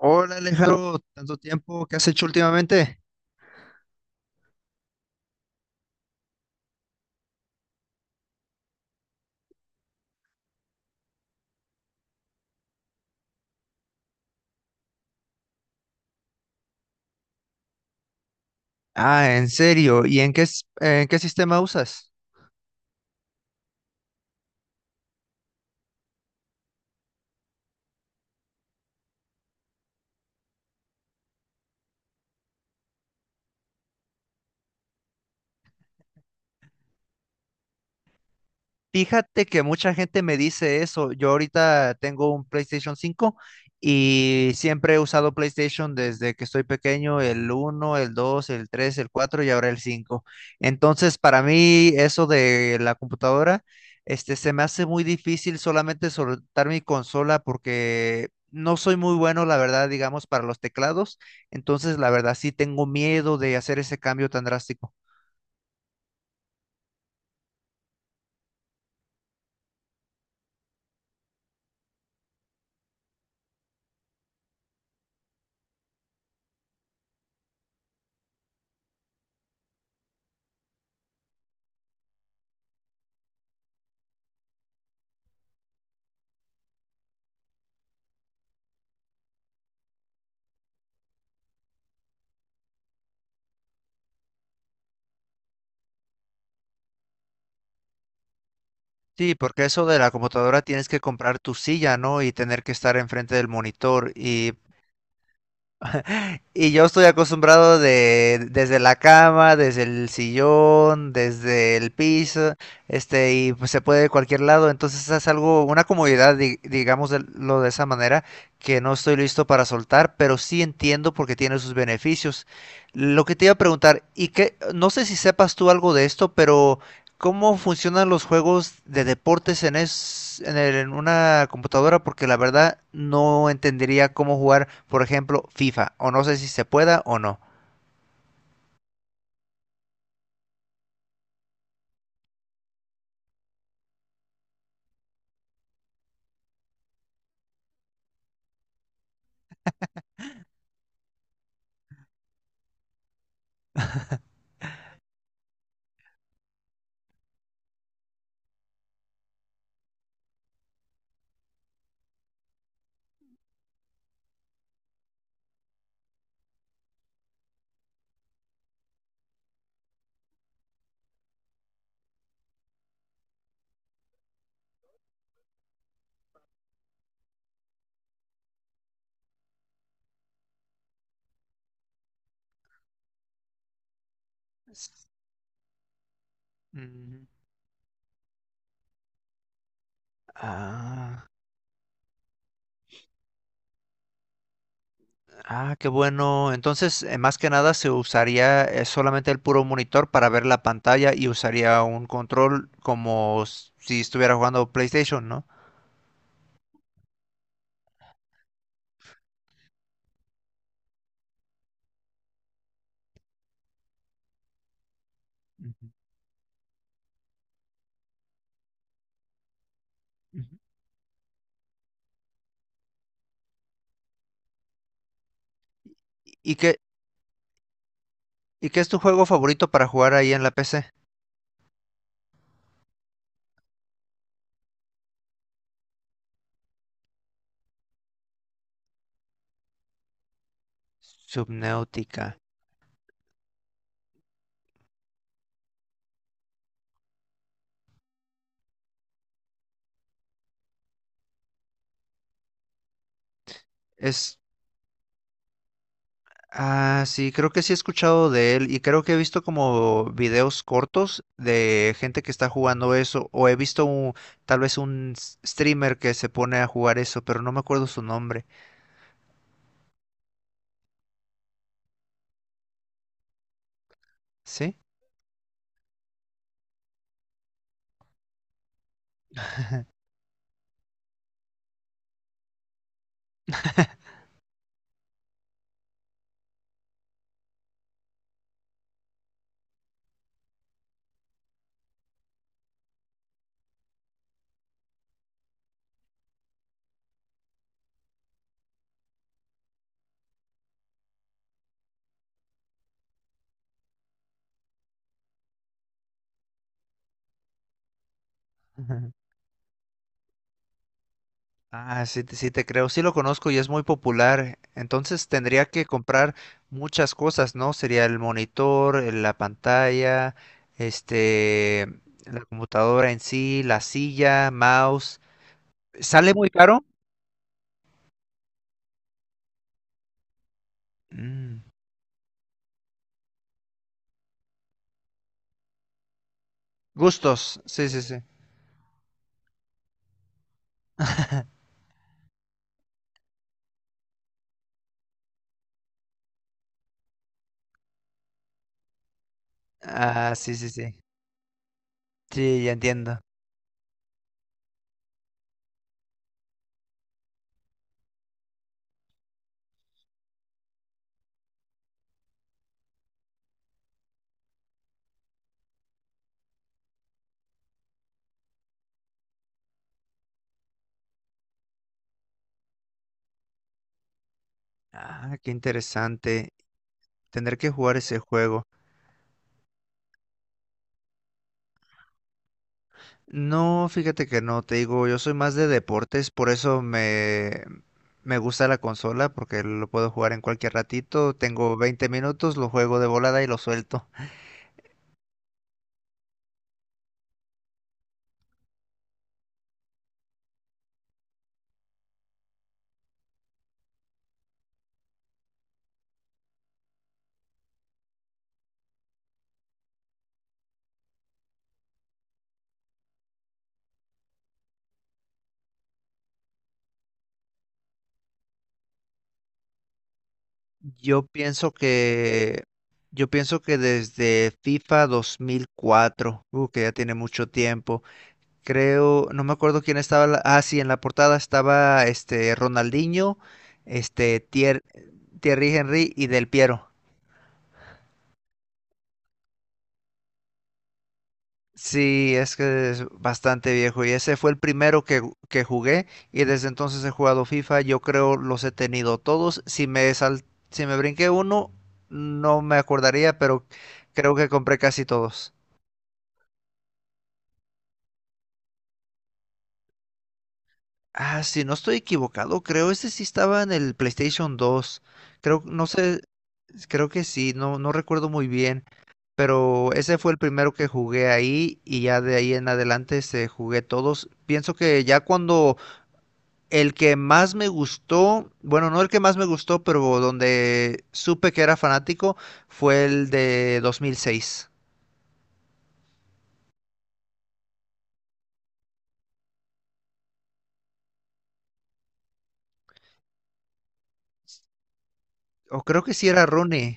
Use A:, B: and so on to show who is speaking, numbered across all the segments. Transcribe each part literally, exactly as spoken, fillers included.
A: Hola Alejandro, tanto tiempo, ¿qué has hecho últimamente? Ah, en serio, ¿y en qué, s- en qué sistema usas? Fíjate que mucha gente me dice eso. Yo ahorita tengo un PlayStation cinco y siempre he usado PlayStation desde que estoy pequeño, el uno, el dos, el tres, el cuatro y ahora el cinco. Entonces, para mí eso de la computadora, este, se me hace muy difícil solamente soltar mi consola porque no soy muy bueno, la verdad, digamos, para los teclados. Entonces, la verdad, sí tengo miedo de hacer ese cambio tan drástico. Sí, porque eso de la computadora tienes que comprar tu silla, ¿no? Y tener que estar enfrente del monitor. Y, y yo estoy acostumbrado de, desde la cama, desde el sillón, desde el piso, este, y pues se puede de cualquier lado. Entonces es algo, una comodidad, di- digamos, de, lo de esa manera, que no estoy listo para soltar, pero sí entiendo porque tiene sus beneficios. Lo que te iba a preguntar, y que, no sé si sepas tú algo de esto, pero ¿cómo funcionan los juegos de deportes en, es, en, el- en una computadora? Porque la verdad no entendería cómo jugar, por ejemplo, FIFA, o no sé si se pueda o no. Mm. Ah, ah, qué bueno. Entonces, eh, más que nada se usaría eh, solamente el puro monitor para ver la pantalla y usaría un control como s- si estuviera jugando PlayStation, ¿no? Ujú, ujú. ¿Y qué, ¿y qué es tu juego favorito para jugar ahí en la P C? Subnautica. Es. Ah, sí, creo que sí he escuchado de él y creo que he visto como videos cortos de gente que está jugando eso o he visto un- tal vez un s- streamer que se pone a jugar eso, pero no me acuerdo su nombre. ¿Sí? Ujú. Ah, sí, te- sí te creo, sí lo conozco y es muy popular. Entonces tendría que comprar muchas cosas, ¿no? Sería el monitor, eh, la pantalla, este, la computadora en sí, la silla, mouse. ¿Sale muy caro? Mm. Gustos, sí, sí, sí. Ah, sí, sí, sí. Sí, ya entiendo. Ah, qué interesante. Tener que jugar ese juego. No, fíjate que no, te digo, yo soy más de deportes, por eso me, me gusta la consola, porque lo puedo jugar en cualquier ratito. Tengo veinte minutos, lo juego de volada y lo suelto. Yo pienso que, yo pienso que desde FIFA dos mil cuatro, uh, que ya tiene mucho tiempo. Creo, no me acuerdo quién estaba. la- ah, sí, en la portada estaba este Ronaldinho, este Thier- Thierry Henry y Del Piero. Sí, es que es bastante viejo y ese fue el primero que, ju- que jugué, y desde entonces he jugado FIFA. Yo creo los he tenido todos. Si me sal- si me brinqué uno, no me acordaría, pero creo que compré casi todos. Ah, si no estoy equivocado, creo ese sí estaba en el PlayStation dos. Creo, no sé, creo que sí, no, no recuerdo muy bien, pero ese fue el primero que jugué ahí y ya de ahí en adelante se jugué todos. Pienso que ya cuando el que más me gustó, bueno, no el que más me gustó, pero donde supe que era fanático, fue el de dos mil seis. O creo que sí era Rooney.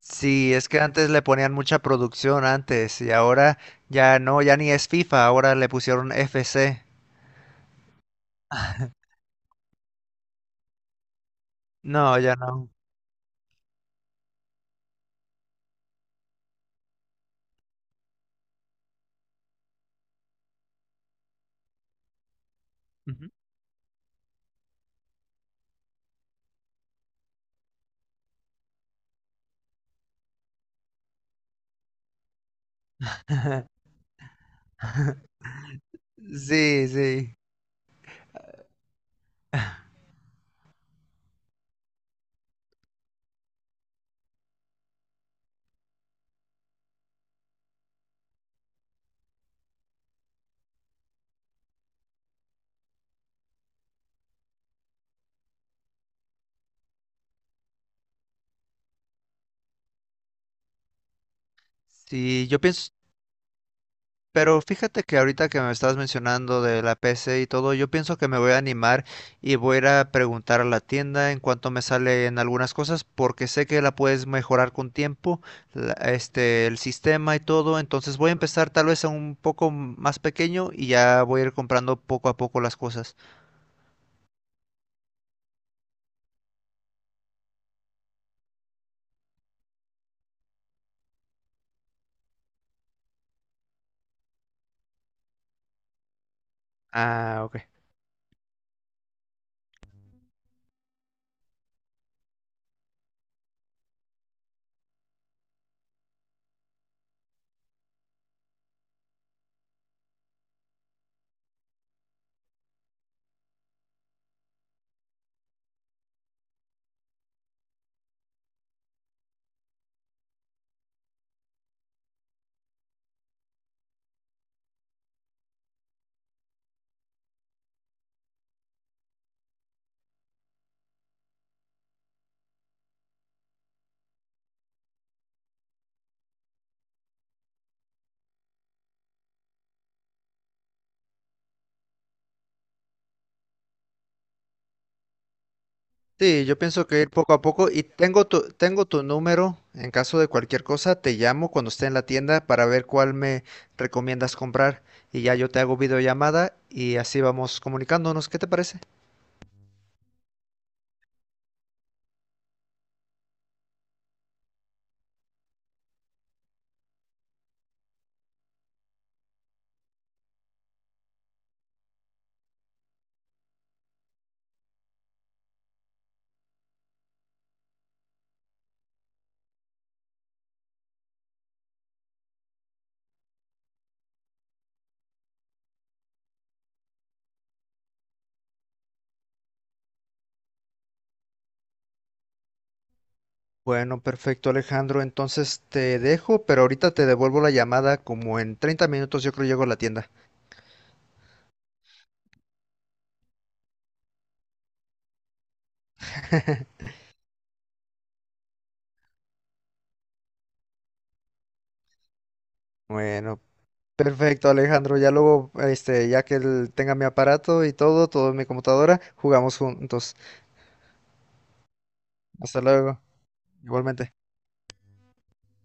A: Sí, es que antes le ponían mucha producción antes y ahora ya no, ya ni es FIFA, ahora le pusieron F C. No, ya no. Ujú. Sí, sí. Sí, yo pienso. Pero fíjate que ahorita que me estás mencionando de la P C y todo, yo pienso que me voy a animar y voy a ir a preguntar a la tienda en cuanto me salen algunas cosas, porque sé que la puedes mejorar con tiempo, la- este, el sistema y todo. Entonces voy a empezar tal vez a un poco más pequeño y ya voy a ir comprando poco a poco las cosas. Ah, ok. Sí, yo pienso que ir poco a poco y tengo tu, tengo tu número en caso de cualquier cosa, te llamo cuando esté en la tienda para ver cuál me recomiendas comprar, y ya yo te hago videollamada y así vamos comunicándonos, ¿qué te parece? Bueno, perfecto Alejandro, entonces te dejo, pero ahorita te devuelvo la llamada como en treinta minutos yo creo llego a la tienda. Bueno, perfecto Alejandro, ya luego, este, ya que él tenga mi aparato y todo, todo en mi computadora, jugamos juntos. Hasta luego, igualmente.